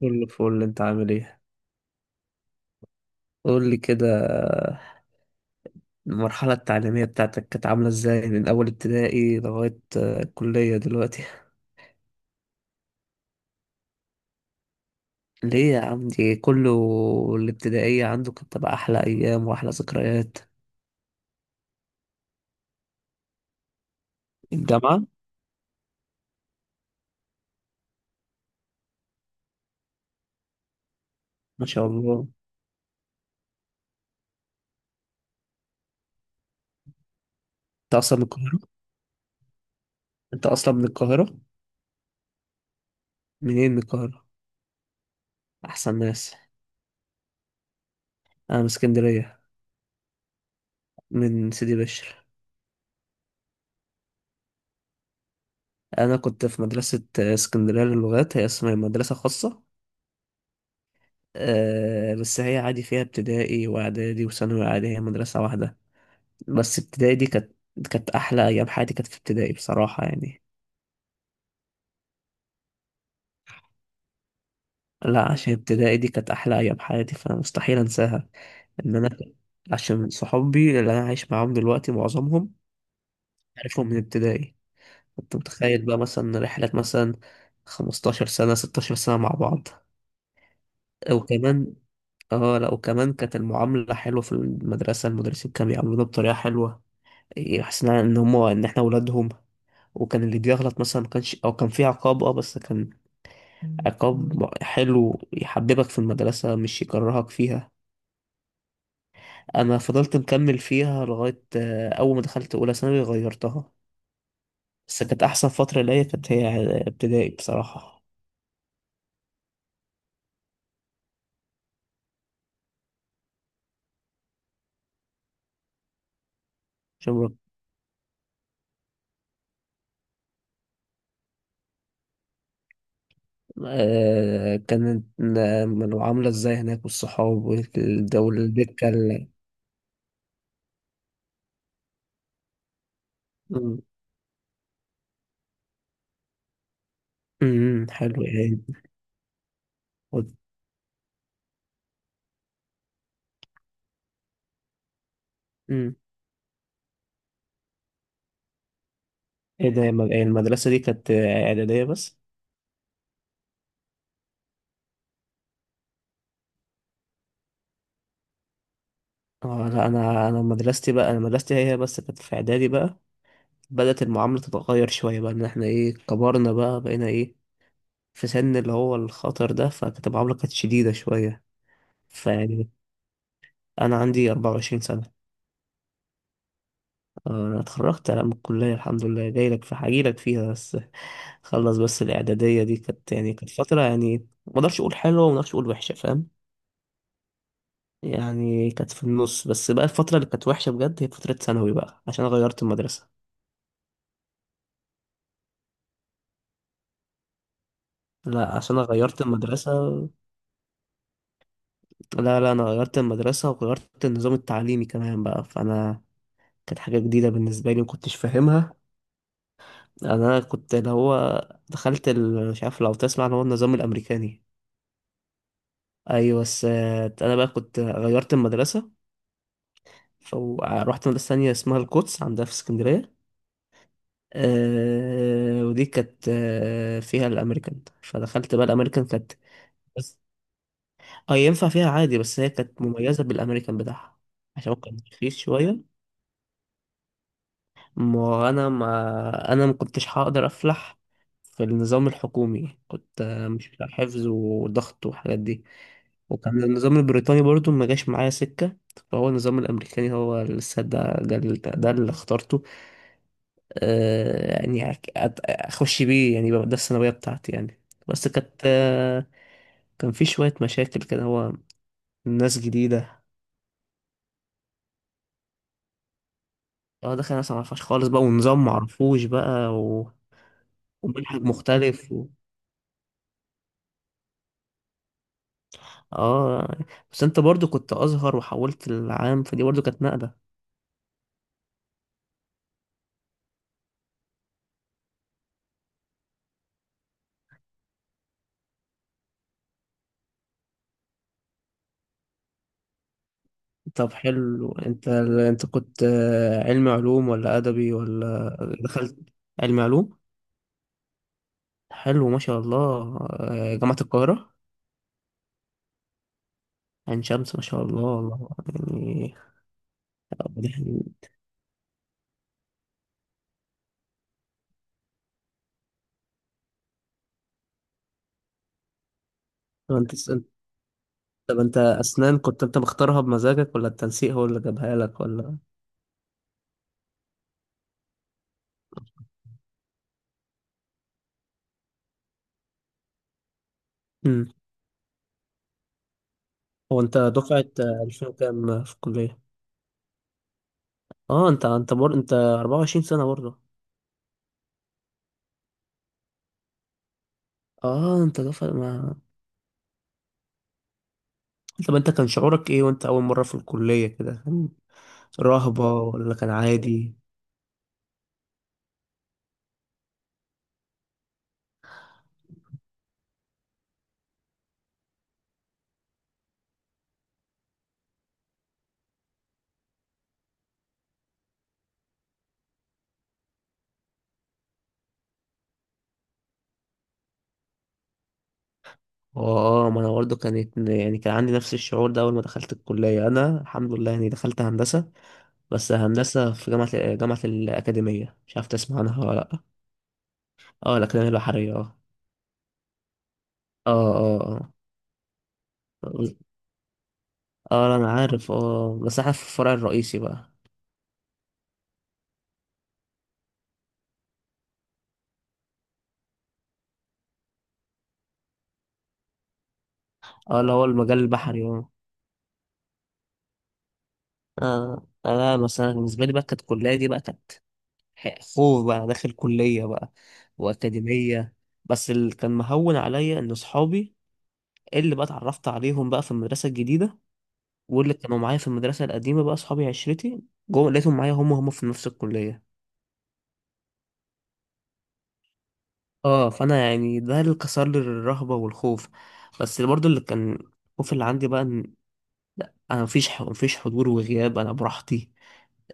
كله فل، انت عامل ايه؟ قول لي كده. المرحلة التعليمية بتاعتك كانت عاملة ازاي من أول ابتدائي لغاية الكلية دلوقتي؟ ليه يا عم دي كله؟ الابتدائية عنده كانت تبقى أحلى أيام وأحلى ذكريات. الجامعة. ما شاء الله. أنت أصلا من القاهرة؟ أنت أصلا من القاهرة؟ منين من القاهرة؟ أحسن ناس. أنا من اسكندرية. من سيدي بشر. أنا كنت في مدرسة اسكندرية للغات، هي اسمها مدرسة خاصة. بس هي عادي فيها ابتدائي واعدادي وثانوي عادي، هي مدرسة واحدة. بس ابتدائي دي كانت احلى ايام حياتي، كانت في ابتدائي بصراحة يعني. لا عشان ابتدائي دي كانت احلى ايام حياتي فمستحيل انساها. ان انا عشان صحابي اللي انا عايش معاهم دلوقتي معظمهم عارفهم من ابتدائي. كنت متخيل بقى مثلا رحلة مثلا 15 سنة 16 سنة مع بعض. وكمان اه لا وكمان كانت المعاملة حلوة في المدرسة، المدرسين كانوا بيعاملونا بطريقة حلوة. حسينا ان هم ان احنا ولادهم. وكان اللي بيغلط مثلا ما كانش او كان في عقاب، بس كان عقاب حلو يحببك في المدرسة مش يكرهك فيها. انا فضلت مكمل فيها لغاية اول ما دخلت اولى ثانوي غيرتها. بس كانت احسن فترة ليا كانت هي ابتدائي بصراحة. عشان كانت العاملة ازاي هناك والصحاب والدولة الدكة مم. مم، حلو يعني. مم. ايه ده يا المدرسة دي كانت إعدادية بس؟ اه لا انا مدرستي بقى انا مدرستي هي هي بس كانت في اعدادي بقى. بدأت المعاملة تتغير شوية بقى، ان احنا ايه، كبرنا بقى، بقينا ايه. في سن اللي هو الخطر ده فكانت المعاملة كانت شديدة شوية. فيعني انا عندي 24 سنة. اه انا اتخرجت انا من الكلية الحمد لله، جاي لك في هجيلك فيها بس. خلص بس الاعدادية دي كانت يعني كانت فترة يعني ما اقدرش اقول حلوة وما اقدرش اقول وحشة فاهم. يعني كانت في النص، بس بقى الفترة اللي كانت وحشة بجد هي فترة ثانوي بقى عشان أنا غيرت المدرسة. لا عشان انا غيرت المدرسة. لا لا انا غيرت المدرسة وغيرت النظام التعليمي كمان بقى فانا كانت حاجة جديدة بالنسبة لي ومكنتش فاهمها. انا كنت اللي هو دخلت مش عارف لو تسمع اللي هو النظام الامريكاني. ايوه بس انا بقى كنت غيرت المدرسة. فروحت مدرسة تانية اسمها القدس عندها في اسكندرية. أه ودي كانت فيها الامريكان، فدخلت بقى الامريكان كانت بس. اه ينفع فيها عادي، بس هي كانت مميزة بالامريكان بتاعها. عشان هو كان رخيص شوية. ما كنتش هقدر افلح في النظام الحكومي، كنت مش بتاع حفظ وضغط والحاجات دي. وكان النظام البريطاني برضو ما جاش معايا سكة. فهو النظام الامريكاني هو لسه ده اللي اخترته. آه يعني اخش بيه يعني يبقى ده الثانوية بتاعتي يعني. بس كانت كان في شوية مشاكل كده، هو ناس جديدة. اه دخل ناس معرفهاش خالص بقى ونظام معرفوش بقى و... ومنهج مختلف. اه بس انت برضو كنت ازهر وحولت العام فدي برضو كانت نقلة. طب حلو، انت كنت علم علوم ولا ادبي ولا؟ دخلت علم علوم. حلو ما شاء الله. جامعة القاهرة؟ عين شمس ما شاء الله والله. يعني. طب انت طب انت اسنان كنت انت مختارها بمزاجك ولا التنسيق هو اللي جابها لك ولا؟ امم. هو انت دفعة 2000 كام في الكلية؟ اه انت 24 سنة برضه؟ اه انت دفعة ما. طب انت كان شعورك ايه وانت اول مرة في الكلية كده، كان رهبة ولا كان عادي؟ اه ما انا برضه كانت يعني كان عندي نفس الشعور ده اول ما دخلت الكلية، انا الحمد لله يعني دخلت هندسة. بس هندسة في جامعة الأكاديمية، مش عارف تسمع عنها ولا لأ؟ اه الأكاديمية البحرية اه. اه. اه. اه. اه. انا عارف اه، بس احنا في الفرع الرئيسي بقى. اه اللي هو المجال البحري اه. انا مثلا بالنسبة لي بقى كانت الكلية دي بقى كانت حقوق بقى داخل كلية بقى وأكاديمية. بس اللي كان مهون عليا إن صحابي اللي بقى اتعرفت عليهم بقى في المدرسة الجديدة، واللي كانوا معايا في المدرسة القديمة بقى صحابي عشرتي، جوه لقيتهم معايا هم في نفس الكلية. اه فأنا يعني ده اللي كسر لي الرهبة والخوف. بس اللي برضه اللي كان الخوف اللي عندي بقى إن أنا مفيش مفيش حضور وغياب، أنا براحتي.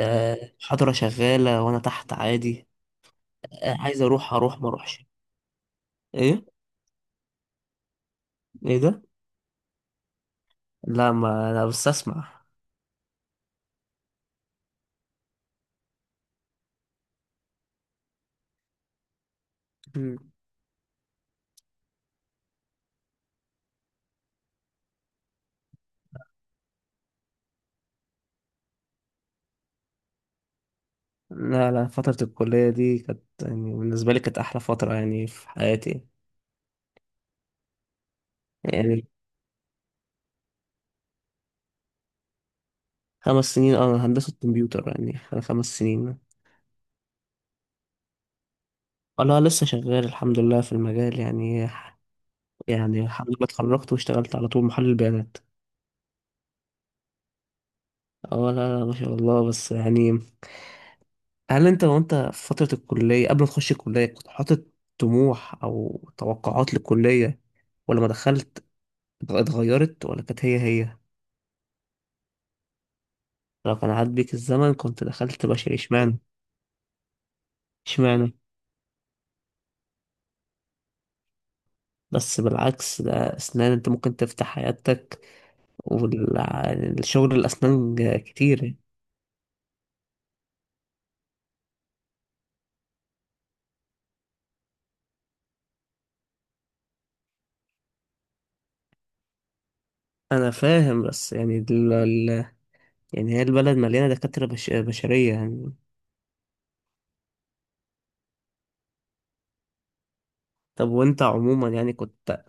محاضرة شغالة وأنا تحت عادي. عايز أروح أروح ما أروحش. إيه. إيه ده؟ لا ما أنا بس أسمع. مم. لا لا فترة الكلية دي كانت يعني بالنسبة لي كانت أحلى فترة يعني في حياتي. يعني خمس سنين، أنا هندسة كمبيوتر يعني خمس سنين. أنا لسه شغال الحمد لله في المجال يعني. يعني الحمد لله اتخرجت واشتغلت على طول محلل بيانات. اه لا لا ما شاء الله بس يعني. هل أنت وأنت في فترة الكلية قبل ما تخش الكلية كنت حاطط طموح أو توقعات للكلية، ولما دخلت اتغيرت ولا كانت هي هي؟ لو كان عاد بيك الزمن كنت دخلت بشري، اشمعنى؟ اشمعنى؟ بس بالعكس ده اسنان انت ممكن تفتح حياتك، والشغل الاسنان كتير. انا فاهم بس يعني يعني هي البلد مليانه دكاتره بشريه يعني. طب وانت عموما يعني كنت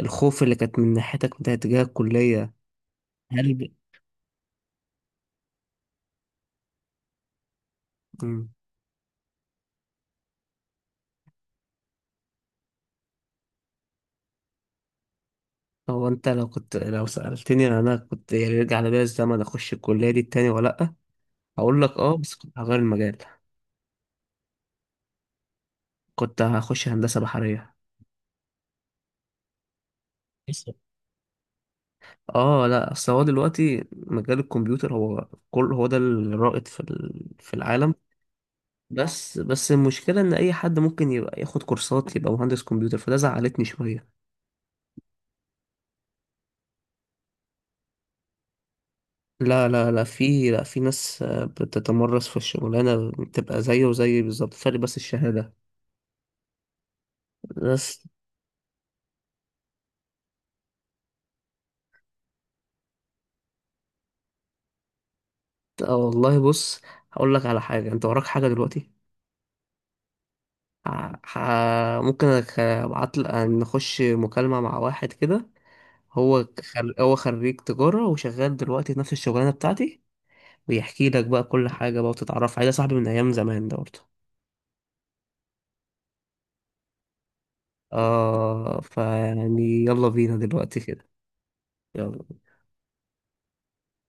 الخوف اللي كانت من ناحيتك من تجاه الكليه، هل ب... مم. هو انت لو سالتني انا كنت يعني يرجع ليا الزمن اخش الكليه دي تاني ولا لا؟ هقول لك اه بس كنت هغير المجال. كنت هخش هندسه بحريه. اه لا اصل هو دلوقتي مجال الكمبيوتر هو كل هو ده الرائد في في العالم. بس بس المشكله ان اي حد ممكن يبقى ياخد كورسات يبقى مهندس كمبيوتر فده زعلتني شويه. لا لا لا، في، لا في ناس بتتمرس في الشغلانه بتبقى زيه وزي بالظبط، فرق بس الشهاده. بس اه والله بص، هقول لك على حاجه. انت وراك حاجه دلوقتي؟ ممكن ابعت لك نخش مكالمه مع واحد كده. هو خريج تجارة وشغال دلوقتي في نفس الشغلانة بتاعتي، بيحكي لك بقى كل حاجة بقى وتتعرف عليه، ده صاحبي من أيام زمان ده برضه. آه فيعني يلا بينا دلوقتي كده. يلا.